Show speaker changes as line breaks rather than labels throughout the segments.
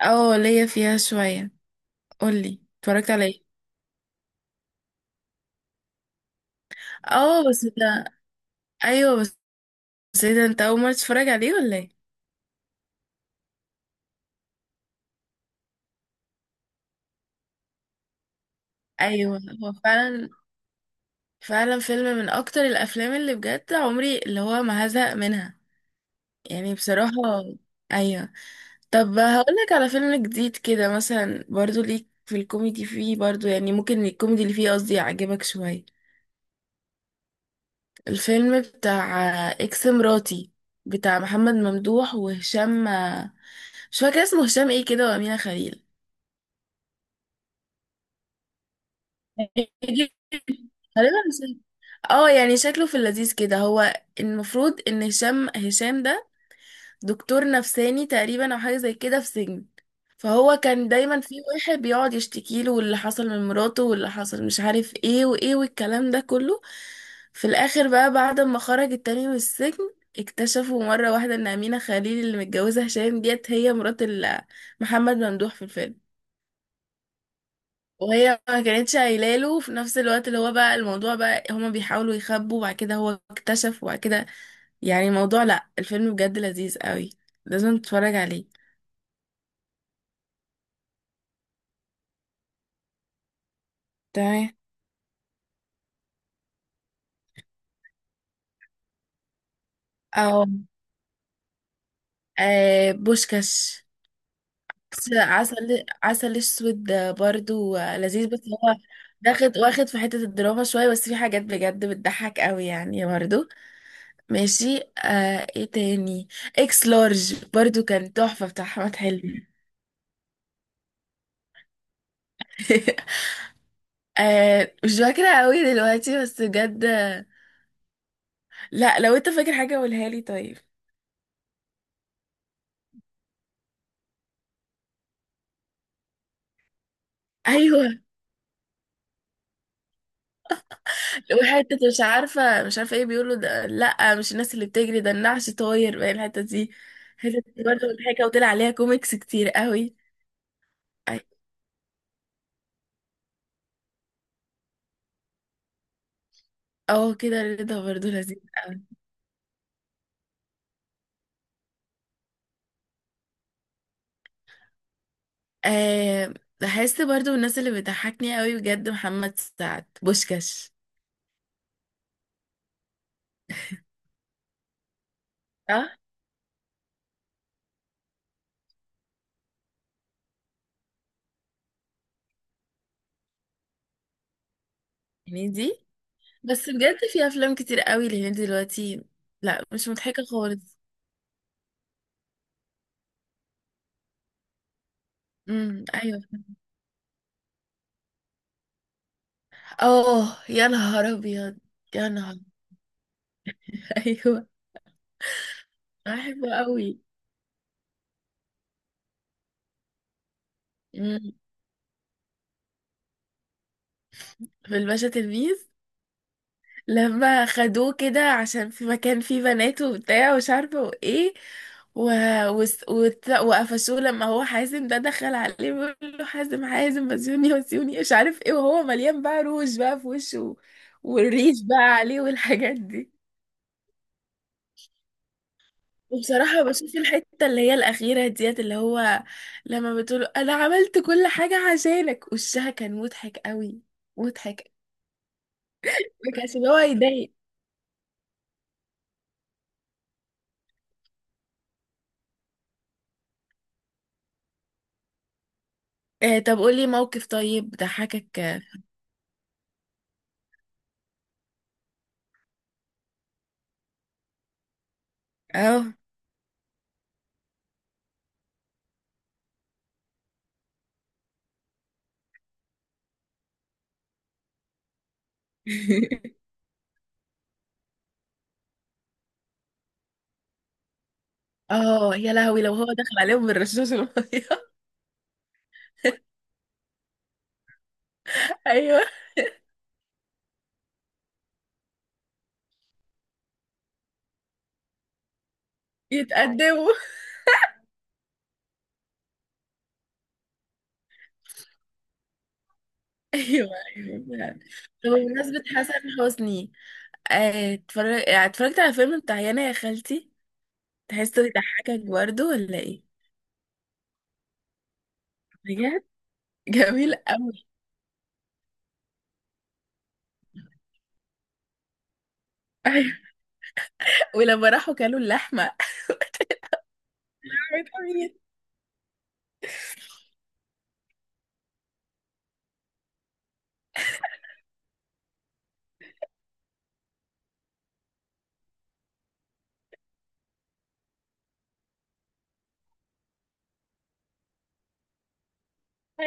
اه، ليا فيها شوية. قولي، اتفرجت على ايه؟ اه بس ده. ايوه بس. ايه ده، انت اول مرة تتفرج عليه ولا ايه؟ ايوه. هو فعلا. فعلا فيلم من اكتر الافلام اللي بجد عمري اللي هو ما هزهق منها. يعني بصراحة. ايوه. طب هقولك على فيلم جديد كده، مثلا برضو ليك في الكوميدي، فيه برضو يعني ممكن الكوميدي اللي فيه قصدي يعجبك شوية. الفيلم بتاع اكس مراتي، بتاع محمد ممدوح وهشام، مش فاكرة اسمه، هشام ايه كده، وأمينة خليل. غالبا هشام. اه يعني شكله في اللذيذ كده هو. المفروض ان هشام ده دكتور نفساني تقريبا، او حاجة زي كده في سجن. فهو كان دايما في واحد بيقعد يشتكي له واللي حصل من مراته واللي حصل مش عارف ايه وايه والكلام ده كله. في الاخر بقى، بعد ما خرج التاني من السجن، اكتشفوا مرة واحدة ان أمينة خليل اللي متجوزة هشام ديت هي مرات ال- محمد ممدوح في الفيلم. وهي ما كانتش قايله له، في نفس الوقت اللي هو بقى الموضوع بقى هما بيحاولوا يخبوا، وبعد كده هو اكتشف، وبعد كده يعني الموضوع، لا، الفيلم بجد لذيذ قوي. لازم تتفرج عليه. تمام. او آه بوشكاش. بس عسل، عسل اسود برضو لذيذ، بس هو واخد في حتة الدراما شوية، بس في حاجات بجد بتضحك قوي يعني برضو. ماشي. آه، ايه تاني؟ اكس لارج برضو كان تحفة، بتاع احمد حلمي. آه، مش فاكرة قوي دلوقتي بس بجد. لا، لو انت فاكر حاجة قولها لي طيب. ايوه. وحتة مش عارفة ايه بيقولوا ده، لا مش الناس اللي بتجري ده، النعش طاير بقى الحتة دي. الحتة دي برضه مضحكة، وطلع عليها كوميكس كتير قوي. أي- اه، كده رضا برضه لذيذ قوي. آه، بحس برضه من الناس اللي بتضحكني قوي بجد محمد سعد، بوشكاش. اه، هنيدي. بس بجد في افلام كتير قوي لهنيدي دلوقتي. لا، مش مضحكة خالص. ايوه. اه يا نهار ابيض. يا نهار. ايوه. بحبه قوي. مم. في الباشا تلميذ، لما خدوه كده عشان في مكان فيه بنات وبتاع ومش عارفه وايه، و... وقفشوه لما هو حازم ده دخل عليه بيقول له حازم حازم وزيوني وزيوني مش عارف ايه، وهو مليان بقى روج بقى في وشه، والريش بقى عليه والحاجات دي. وبصراحة بشوف الحتة اللي هي الأخيرة ديت، اللي هو لما بتقول أنا عملت كل حاجة عشانك، وشها كان مضحك قوي. مضحك. ما كانش اللي هو يضايق. آه، طب قولي موقف طيب ضحكك. اه. اه. اه يا لهوي، لو هو دخل عليهم بالرشاش المية. ايوه. يتقدموا. ايوه، ايوه فعلا. طب بمناسبة حسن حسني، اتفرجت على فيلم بتاع يانا يا خالتي. تحسه يضحكك برضه ولا ايه؟ بجد. جميل قوي. ايوه. ولما راحوا كلوا اللحمه. بتعملي ايه؟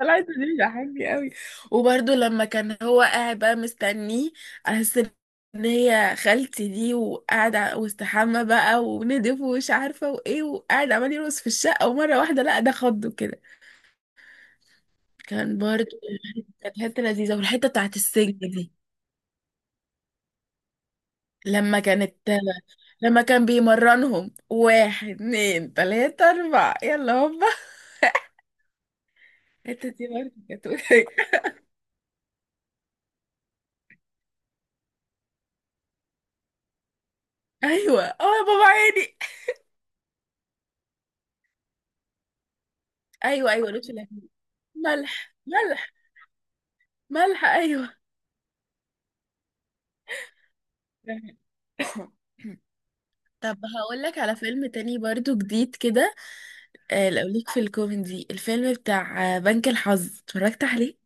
طلعت دي ضحكني قوي. وبرده لما كان هو قاعد بقى مستنيه على أساس ان هي خالتي دي، وقاعد واستحمى بقى وندف ومش عارفه وايه، وقاعد عمال يرقص في الشقه، ومره واحده لا، ده خضه كده. كان برضه، كانت حته لذيذه. والحته بتاعت السجن دي، لما كانت، لما كان بيمرنهم واحد اتنين تلاته اربعه يلا هوبا. الحته دي برضه كانت ايوه. اه يا بابا عيني. ايوه، ايوه لوتي العيون. ملح ملح. ملح، ايوه. طب هقول لك على فيلم تاني برضو جديد كده. لو ليك في الكوميدي، الفيلم بتاع بنك الحظ، اتفرجت عليه.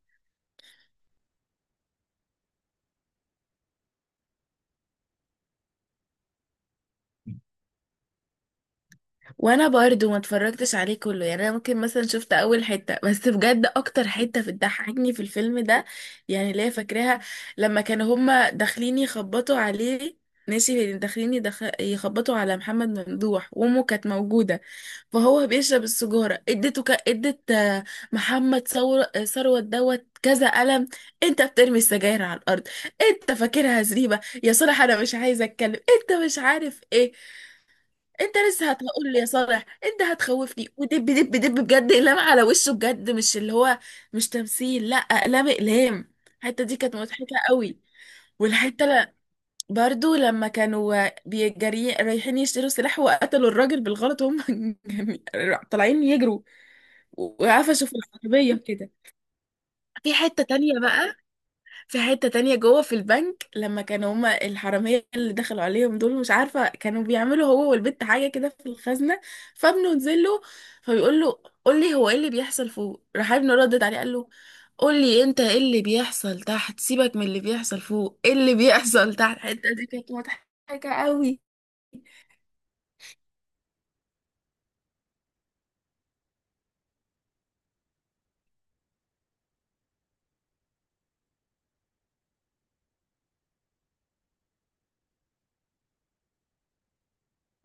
وانا برضو ما اتفرجتش عليه كله، يعني انا ممكن مثلا شفت اول حتة، بس بجد اكتر حتة بتضحكني في الفيلم ده، يعني اللي هي فاكراها، لما كانوا هما داخلين يخبطوا عليه، ماشي يعني داخلين يخبطوا على محمد ممدوح، وامه كانت موجودة، فهو بيشرب السجارة، ادت آه، محمد ثور... آه، ثروت دوت كذا قلم. انت بترمي السجاير على الارض، انت فاكرها زريبة يا صالح، انا مش عايزة اتكلم، انت مش عارف ايه، انت لسه هتقول لي يا صالح، انت هتخوفني، ودب دب دب بجد اقلام على وشه، بجد مش اللي هو مش تمثيل، لا اقلام اقلام. الحتة دي كانت مضحكة قوي. والحتة برضو لما كانوا بيجري رايحين يشتروا سلاح، وقتلوا الراجل بالغلط، وهم طالعين يجروا، وقفشوا في العربية كده. في حتة تانية بقى، في حتة تانية جوه في البنك، لما كانوا هما الحرامية اللي دخلوا عليهم دول مش عارفة كانوا بيعملوا هو والبت حاجة كده في الخزنة، فابنه نزل له، فبيقول له قول لي هو ايه اللي بيحصل فوق، راح ابنه ردد عليه قال له قول لي انت ايه اللي بيحصل تحت، سيبك من اللي بيحصل فوق، ايه اللي بيحصل تحت. الحتة دي كانت مضحكة قوي.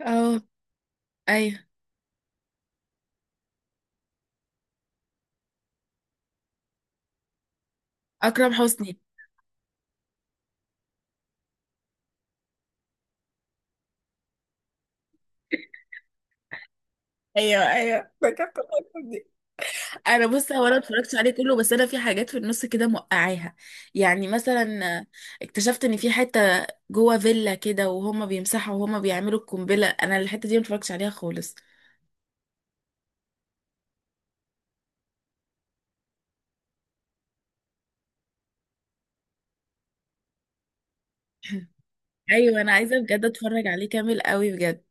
اه. ايوه. اكرم حسني. ايوه، ايوه فاكرة اللقطة دي. انا بص، هو انا ما اتفرجتش عليه كله، بس انا في حاجات في النص كده موقعاها، يعني مثلا اكتشفت ان في حته جوه فيلا كده، وهما بيمسحوا وهما بيعملوا القنبله، انا الحته دي ما اتفرجتش عليها خالص. ايوه، انا عايزه بجد اتفرج عليه كامل قوي بجد.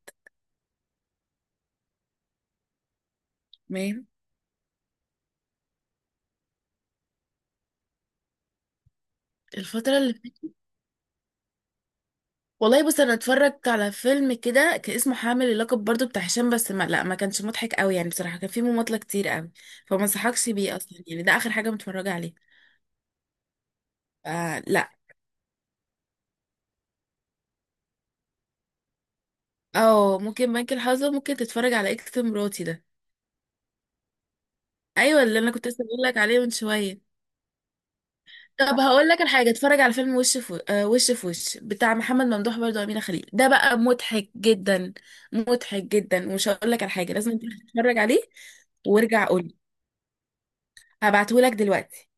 تمام. الفتره اللي. والله بص، انا اتفرجت على فيلم كده كان اسمه حامل اللقب، برضو بتاع هشام، بس ما لا ما كانش مضحك قوي يعني بصراحه، كان فيه مماطله كتير قوي. فما انصحكش بيه اصلا، يعني ده اخر حاجه متفرجه عليه. آه لا. اه ممكن بنك الحظ، ممكن تتفرج على اكس مراتي ده. ايوه، اللي انا كنت لسه بقول لك عليه من شويه. طب هقول لك الحاجه، اتفرج على فيلم وش في، آه وش في وش بتاع محمد ممدوح برضو وامينه خليل، ده بقى مضحك جدا، مضحك جدا، ومش هقول لك على حاجه، لازم تروح تتفرج عليه. وارجع قولي. هبعتهولك دلوقتي.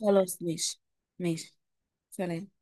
خلاص ماشي. ماشي، سلام.